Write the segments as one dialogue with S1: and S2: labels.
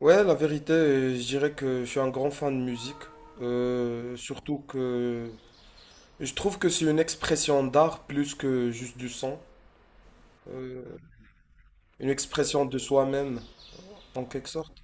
S1: Ouais, la vérité, je dirais que je suis un grand fan de musique. Surtout que je trouve que c'est une expression d'art plus que juste du son. Euh, une expression de soi-même, en quelque sorte.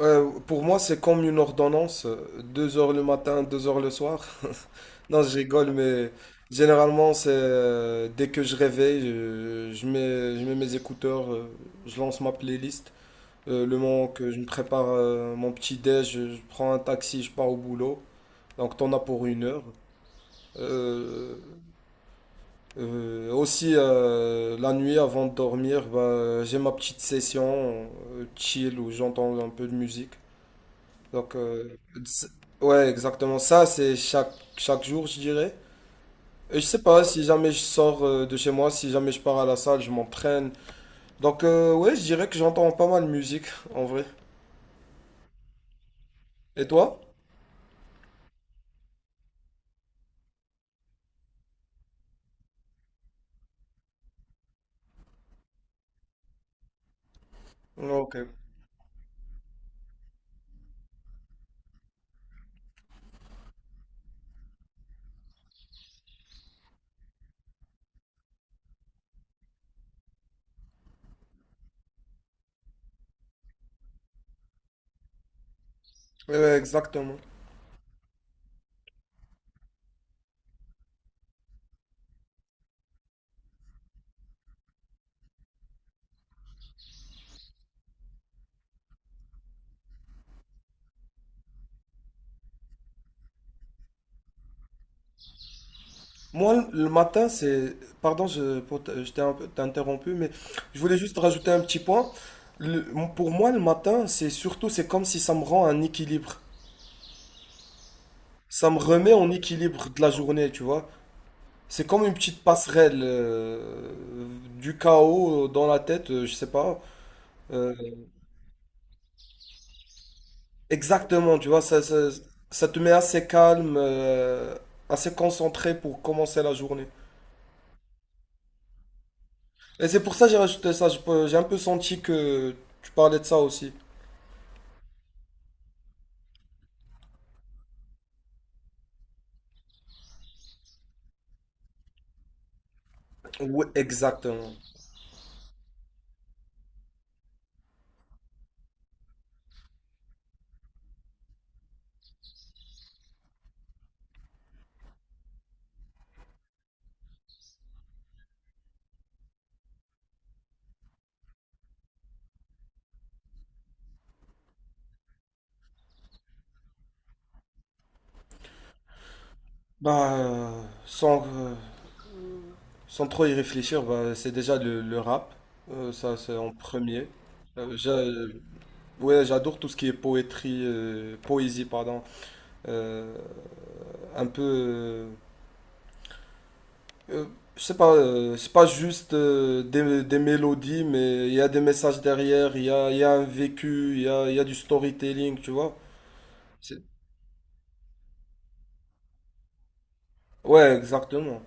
S1: Pour moi, c'est comme une ordonnance. 2 heures le matin, 2 heures le soir. Non, je rigole, mais généralement, c'est dès que je réveille, je mets mes écouteurs, je lance ma playlist. Le moment que je me prépare mon petit déj, je prends un taxi, je pars au boulot. Donc t'en as pour une heure. Euh, aussi la nuit avant de dormir, bah, j'ai ma petite session chill où j'entends un peu de musique. Donc c'est- ouais exactement ça, c'est chaque jour je dirais. Et je sais pas, si jamais je sors de chez moi, si jamais je pars à la salle, je m'entraîne. Donc ouais je dirais que j'entends pas mal de musique en vrai. Et toi? Ok. Ouais, ouais, exactement. Moi, le matin, c'est... Pardon, je t'ai un peu t'ai interrompu, mais je voulais juste rajouter un petit point. Le- pour moi, le matin, c'est surtout, c'est comme si ça me rend un équilibre. Ça me remet en équilibre de la journée, tu vois. C'est comme une petite passerelle du chaos dans la tête, je sais pas. Euh, exactement, tu vois, ça te met assez calme, assez concentré pour commencer la journée. Et c'est pour ça que j'ai rajouté ça. J'ai un peu senti que tu parlais de ça aussi. Oui, exactement. Bah, sans trop y réfléchir, bah, c'est déjà le rap. Ça, c'est en premier. Euh, j'a- ouais, j'adore tout ce qui est poétrie, poésie, pardon. Euh, un peu. Euh, je sais pas, c'est pas juste des mélodies, mais il y a des messages derrière, il y a un vécu, il y a du storytelling, tu vois. C'est- Ouais, exactement.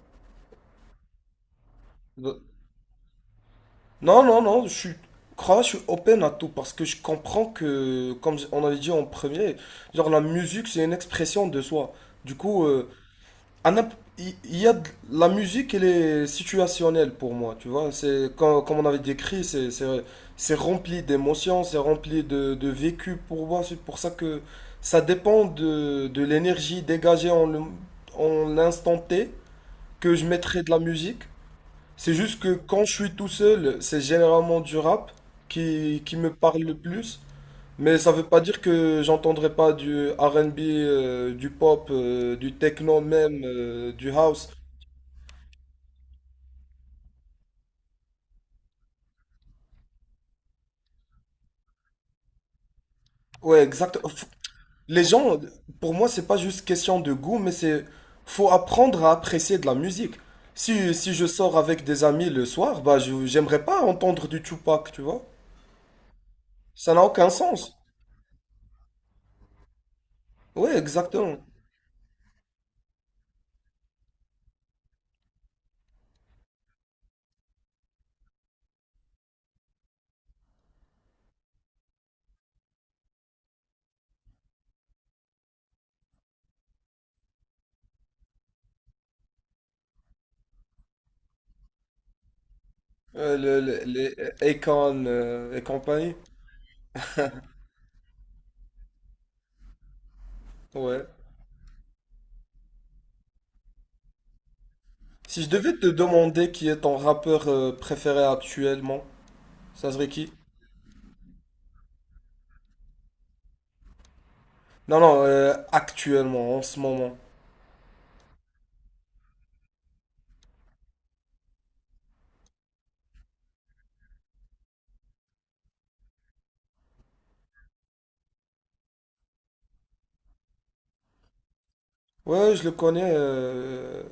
S1: Non, non, non, crois, je suis open à tout parce que je comprends que, comme on avait dit en premier, genre la musique c'est une expression de soi. Du coup, à n'imp- il y a la musique, elle est situationnelle pour moi, tu vois. C'est comme, on avait décrit, c'est rempli d'émotions, c'est rempli de vécu pour moi. C'est pour ça que ça dépend de l'énergie dégagée en l'instant T que je mettrai de la musique. C'est juste que quand je suis tout seul, c'est généralement du rap qui me parle le plus. Mais ça veut pas dire que j'entendrai pas du R&B, du pop, du techno même, du house. Ouais, exact. Les gens, pour moi, c'est pas juste question de goût, mais c'est faut apprendre à apprécier de la musique. Si je sors avec des amis le soir, bah j'aimerais pas entendre du Tupac, tu vois. Ça n'a aucun sens. Ouais, exactement. Le- les Akon et compagnie. Ouais. Si je devais te demander qui est ton rappeur préféré actuellement, ça serait qui? Non, non, actuellement, en ce moment. Ouais, je le connais,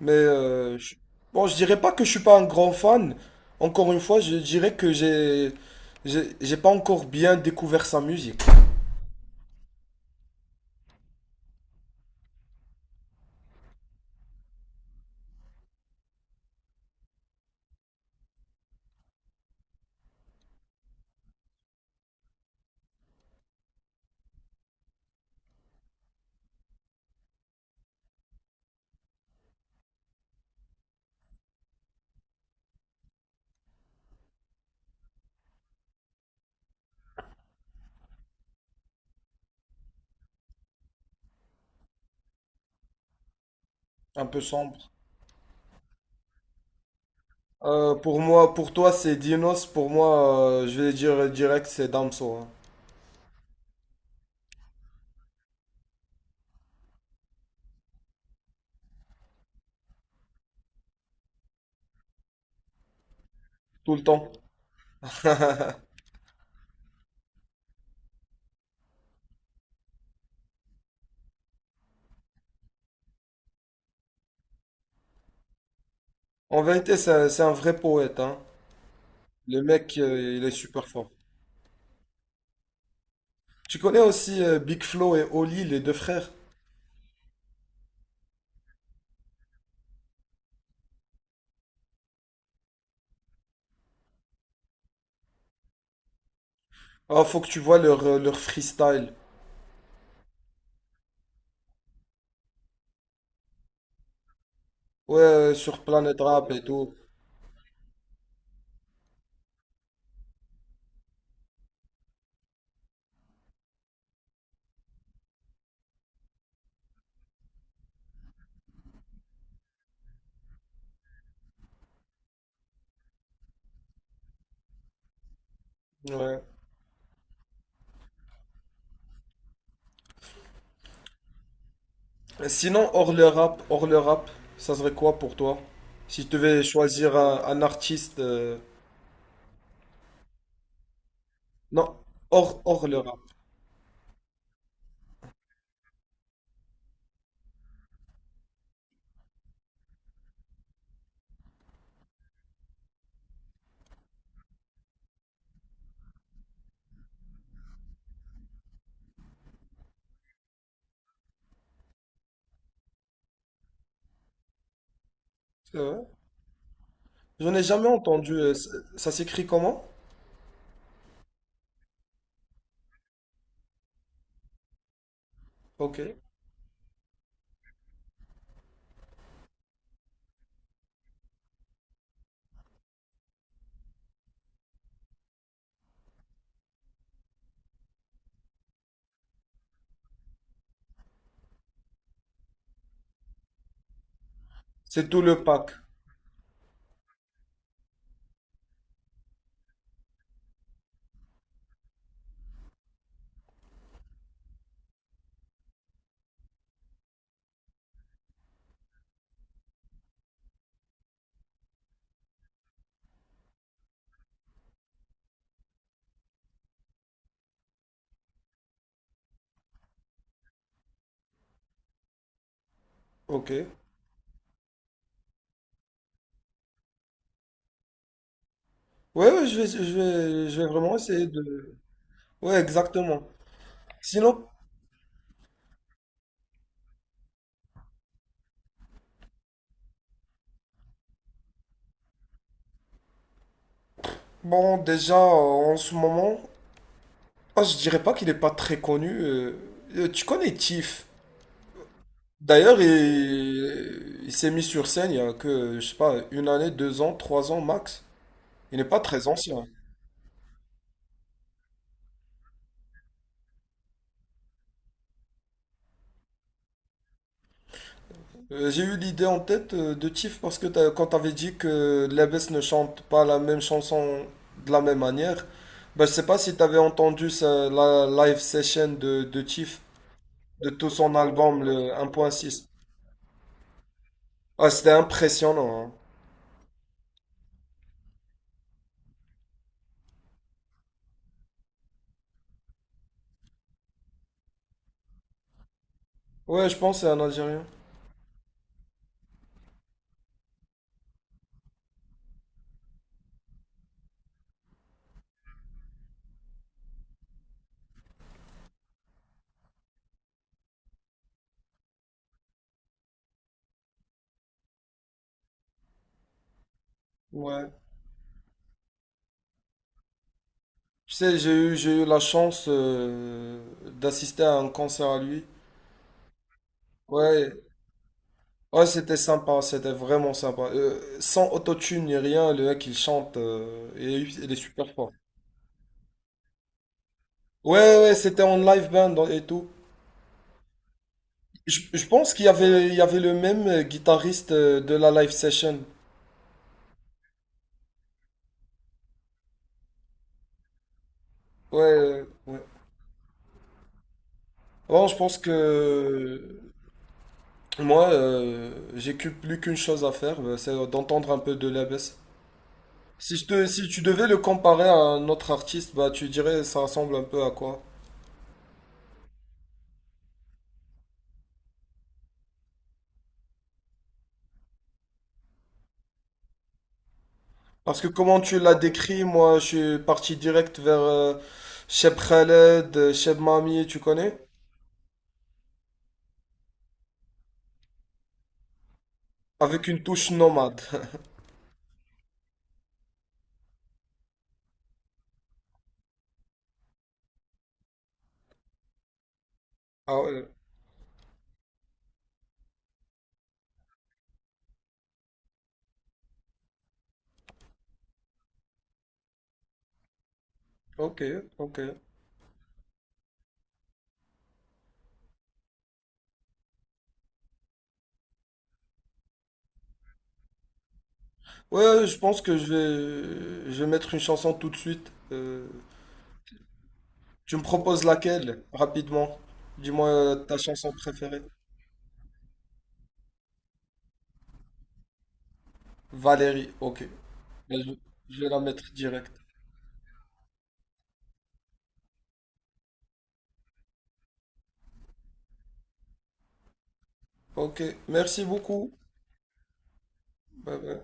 S1: mais bon, je dirais pas que je suis pas un grand fan. Encore une fois, je dirais que j'ai pas encore bien découvert sa musique. Un peu sombre. Pour moi, pour toi, c'est Dinos. Pour moi, je vais dire direct, c'est Damso, hein. Tout le temps. En vérité, c'est un vrai poète, hein. Le mec, il est super fort. Tu connais aussi Big Flo et Oli, les deux frères? Ah, faut que tu vois leur freestyle. Ouais, sur Planet Rap et tout. Ouais. Et sinon, hors le rap, ça serait quoi pour toi? Si tu devais choisir un artiste. Non, hors le rap. C'est vrai? J'en ai jamais entendu. Ça s'écrit comment? Ok. C'est tout le pack. Ok. Ouais, ouais, je vais vraiment essayer de. Ouais, exactement. Sinon, bon, déjà, en ce moment. Ah, je dirais pas qu'il est pas très connu. Tu connais Tiff. D'ailleurs, il s'est mis sur scène il y a que, je sais pas, une année, 2 ans, 3 ans max. Il n'est pas très ancien. J'ai eu l'idée en tête de Tiff parce que quand t'avais dit que Lebes ne chante pas la même chanson de la même manière, ben, je sais pas si t'avais entendu la live session de Tiff, de tout son album, le 1.6. Ah, c'était impressionnant, hein. Ouais, je pense que c'est un Algérien. Ouais. Tu sais, j'ai eu la chance d'assister à un concert à lui. Ouais, ouais, c'était sympa, c'était vraiment sympa. Sans autotune ni rien, le mec il chante, et il est super fort. Ouais, ouais, c'était en live band et tout. Je pense il y avait le même guitariste de la live session. Ouais, ouais. Bon, je pense que moi, plus qu'une chose à faire, c'est d'entendre un peu de la baisse. Si, je te, Si tu devais le comparer à un autre artiste, bah, tu dirais ça ressemble un peu à quoi? Parce que comment tu l'as décrit, moi je suis parti direct vers Cheb Khaled, Cheb Mami, tu connais? Avec une touche nomade. Ah ouais, ok, ok. Ouais, je pense que je vais mettre une chanson tout de suite. Tu me proposes laquelle, rapidement? Dis-moi ta chanson préférée. Valérie, ok. Ben, je vais la mettre direct. Ok, merci beaucoup. Bye bye.